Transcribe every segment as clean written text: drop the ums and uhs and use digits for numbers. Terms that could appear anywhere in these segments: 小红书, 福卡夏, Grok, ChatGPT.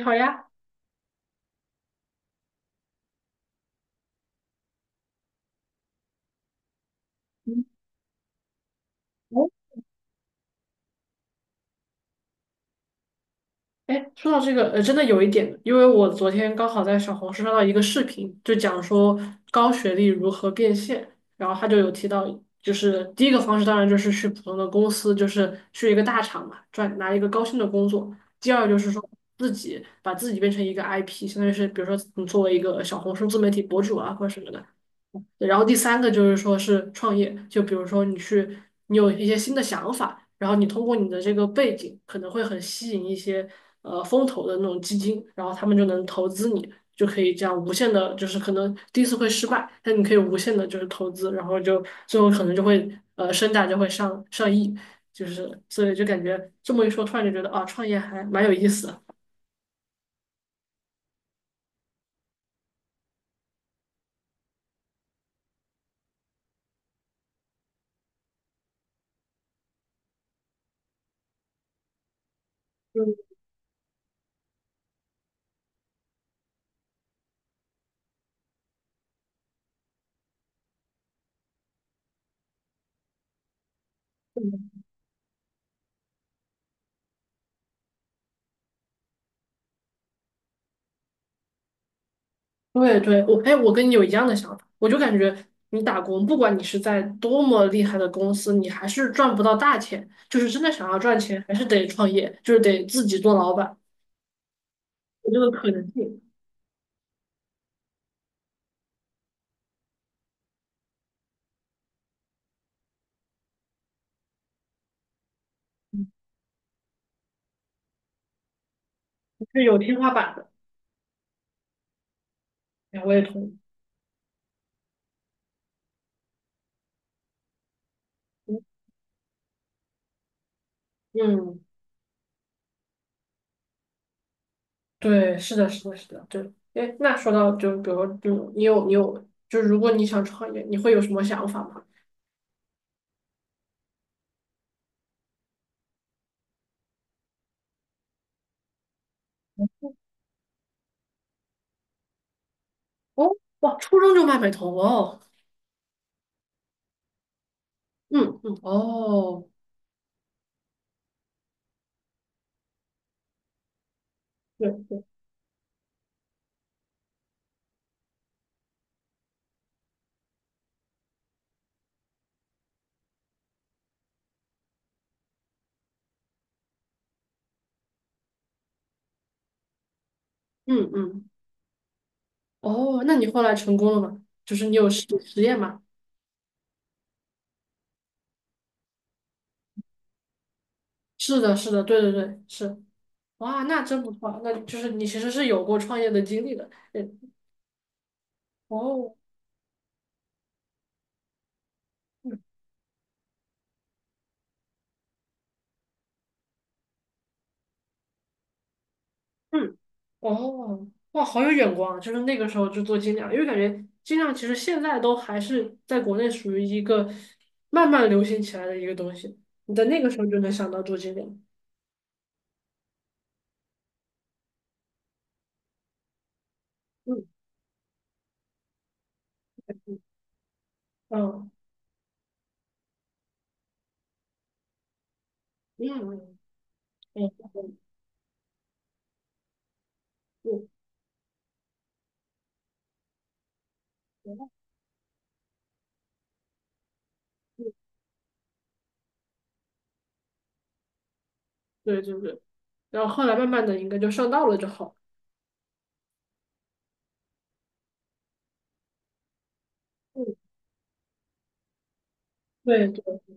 你好呀。嗯。哦。哎，说到这个，真的有一点，因为我昨天刚好在小红书刷到一个视频，就讲说高学历如何变现，然后他就有提到，就是第一个方式当然就是去普通的公司，就是去一个大厂嘛，赚拿一个高薪的工作；第二就是说自己把自己变成一个 IP，相当于是比如说你作为一个小红书自媒体博主啊或者什么的。对，然后第三个就是说是创业，就比如说你去，你有一些新的想法，然后你通过你的这个背景，可能会很吸引一些风投的那种基金，然后他们就能投资你，就可以这样无限的，就是可能第一次会失败，但你可以无限的就是投资，然后就最后可能就会身价就会上亿，就是所以就感觉这么一说，突然就觉得啊，创业还蛮有意思的。对对，我哎，我跟你有一样的想法，我就感觉你打工，不管你是在多么厉害的公司，你还是赚不到大钱。就是真的想要赚钱，还是得创业，就是得自己做老板。有这个可能性。嗯，是有天花板的。哎，我也同意。嗯，对，是的，是的，是的，对。哎，那说到就比如说，就你有就是如果你想创业，你会有什么想法吗？哦，哇，初中就卖美瞳哦。嗯嗯，哦，对对。嗯嗯。哦，那你后来成功了吗？就是你有实验吗？是的，是的，对对对，是。哇，那真不错，那就是你其实是有过创业的经历的。嗯。哦。嗯。嗯，哦，哇，好有眼光啊！就是那个时候就做精酿，因为感觉精酿其实现在都还是在国内属于一个慢慢流行起来的一个东西。你在那个时候就能想到做精酿。嗯嗯。嗯嗯。嗯嗯，嗯。对对对。然后后来慢慢的应该就上道了就好了。嗯。对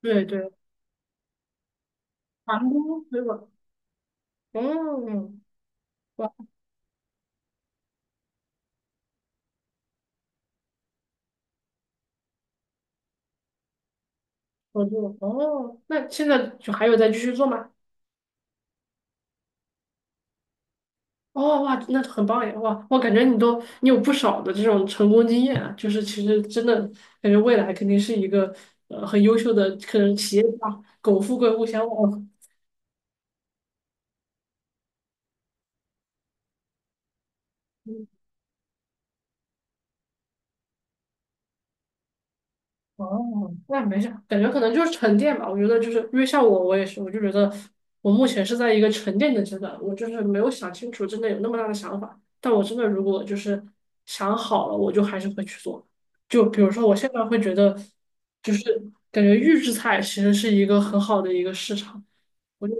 对对，皇宫水管。哦。哇。合作哦，那现在就还有在继续做吗？哦，哇，那很棒呀，哇，我感觉你都有不少的这种成功经验啊，就是其实真的感觉未来肯定是一个很优秀的，可能企业家，苟富贵勿相 忘。哦，那没事，感觉可能就是沉淀吧。我觉得就是因为像我，我也是，我就觉得我目前是在一个沉淀的阶段，我就是没有想清楚，真的有那么大的想法。但我真的如果就是想好了，我就还是会去做。就比如说，我现在会觉得，就是感觉预制菜其实是一个很好的一个市场。我就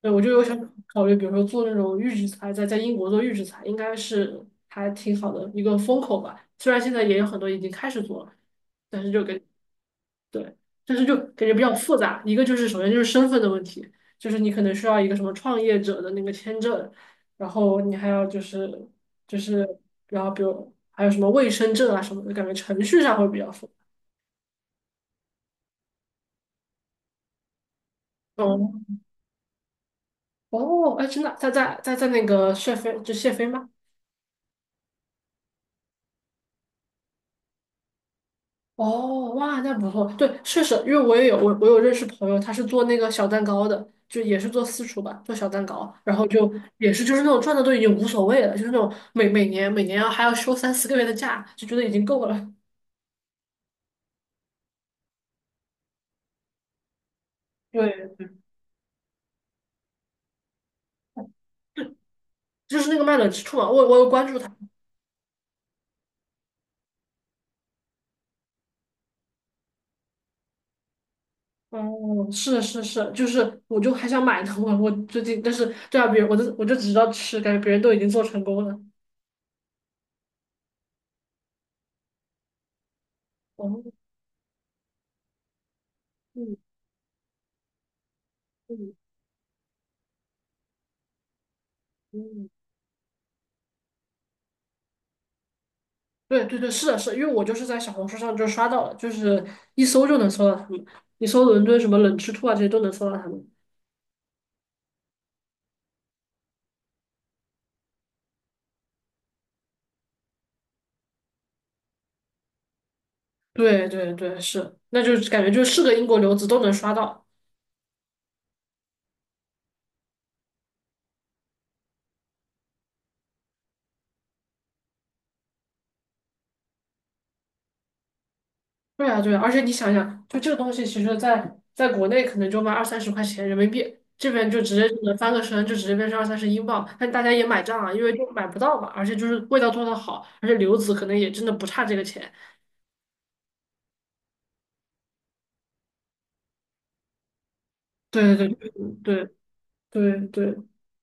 对我就有想考虑，比如说做那种预制菜，在英国做预制菜，应该是还挺好的一个风口吧。虽然现在也有很多已经开始做了。但是就对，但是就感觉比较复杂。一个就是首先就是身份的问题，就是你可能需要一个什么创业者的那个签证，然后你还要就是，然后比如还有什么卫生证啊什么的，感觉程序上会比较复杂。哦。哦，哎，真的，在那个谢飞就谢飞吗？哦，哇，那不错。对，确实，因为我也有我有认识朋友，他是做那个小蛋糕的，就也是做私厨吧，做小蛋糕，然后就也是就是那种赚的都已经无所谓了，就是那种每年要还要休3、4个月的假，就觉得已经够了。对，对就是那个卖冷之处嘛，我有关注他。哦，是是是，就是我就还想买呢，我最近，但是对啊，别人我就只知道吃，感觉别人都已经做成功了。哦。嗯嗯嗯。对对对，是的，是的因为我就是在小红书上就刷到了，就是一搜就能搜到他们，你搜伦敦什么冷吃兔啊这些都能搜到他们。对对对，是，那就是感觉就是个英国留子都能刷到。对啊对啊，而且你想想，就这个东西，其实在国内可能就卖二三十块钱人民币，这边就直接就能翻个身，就直接变成二三十英镑，但大家也买账啊，因为就买不到嘛，而且就是味道做的好，而且留子可能也真的不差这个钱。对对对对。对对。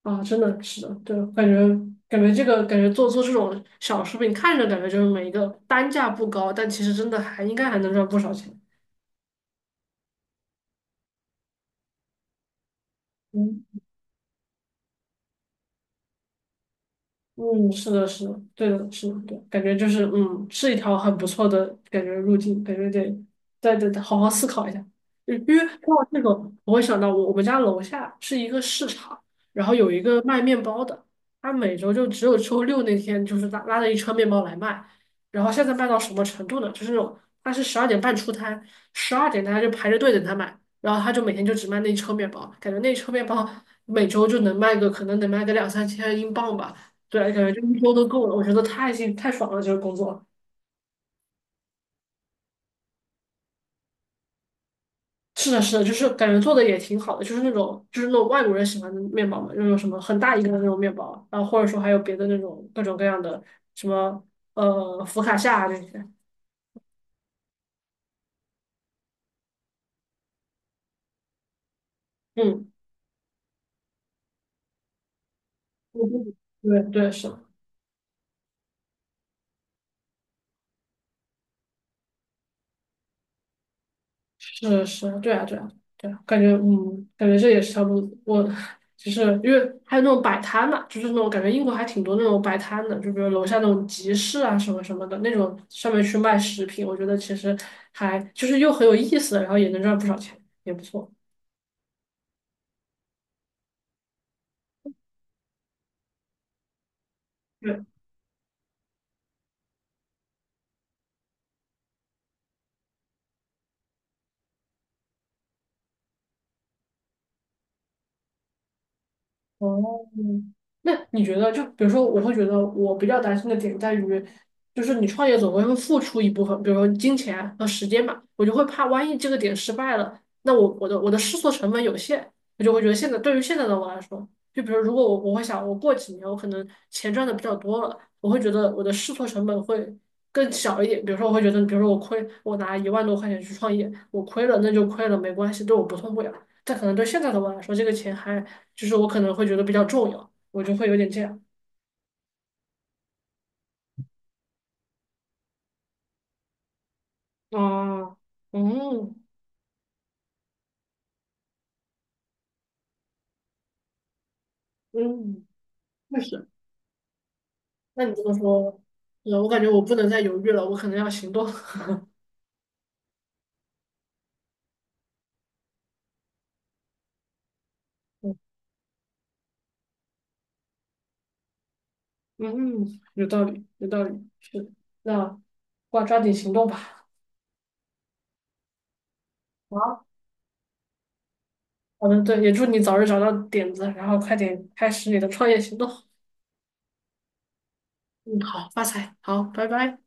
啊，真的是的，对，感觉感觉这个感觉做这种小食品，看着感觉就是每一个单价不高，但其实真的还应该还能赚不少钱。嗯，是的，是的，对的，是的，对，感觉就是嗯，是一条很不错的感觉路径，感觉得再得好好思考一下。嗯，因为说到这个，我会想到我们家楼下是一个市场，然后有一个卖面包的，他每周就只有周六那天就是拉着一车面包来卖，然后现在卖到什么程度呢？就是那种他是12:30出摊，十二点大家就排着队等他买，然后他就每天就只卖那一车面包，感觉那一车面包每周就能卖个两三千英镑吧。对，感觉就一周都够了，我觉得太幸太爽了，这个工作。是的，是的，就是感觉做的也挺好的，就是那种就是那种外国人喜欢的面包嘛，那种什么很大一个的那种面包，然后或者说还有别的那种各种各样的什么福卡夏啊这些。嗯，我不对对是。是是，对啊，对啊，对啊，感觉嗯，感觉这也是条路子。我就是因为还有那种摆摊嘛，就是那种感觉英国还挺多那种摆摊的，就比如楼下那种集市啊什么什么的那种，上面去卖食品，我觉得其实还就是又很有意思，然后也能赚不少钱，也不错。对。哦，那你觉得，就比如说，我会觉得我比较担心的点在于，就是你创业总归会付出一部分，比如说金钱和时间嘛，我就会怕万一这个点失败了，那我的试错成本有限，我就会觉得现在对于现在的我来说，就比如如果我会想，我过几年我可能钱赚的比较多了，我会觉得我的试错成本会更小一点，比如说我会觉得，比如说我亏，我拿1万多块钱去创业，我亏了那就亏了，没关系，对我不痛不痒。但可能对现在的我来说，这个钱还就是我可能会觉得比较重要，我就会有点这样。啊。嗯嗯，确实。那你这么说，我感觉我不能再犹豫了，我可能要行动。嗯嗯，有道理，有道理，是的，那抓紧行动吧。好，好的，对，也祝你早日找到点子，然后快点开始你的创业行动。嗯，好，发财，好，拜拜。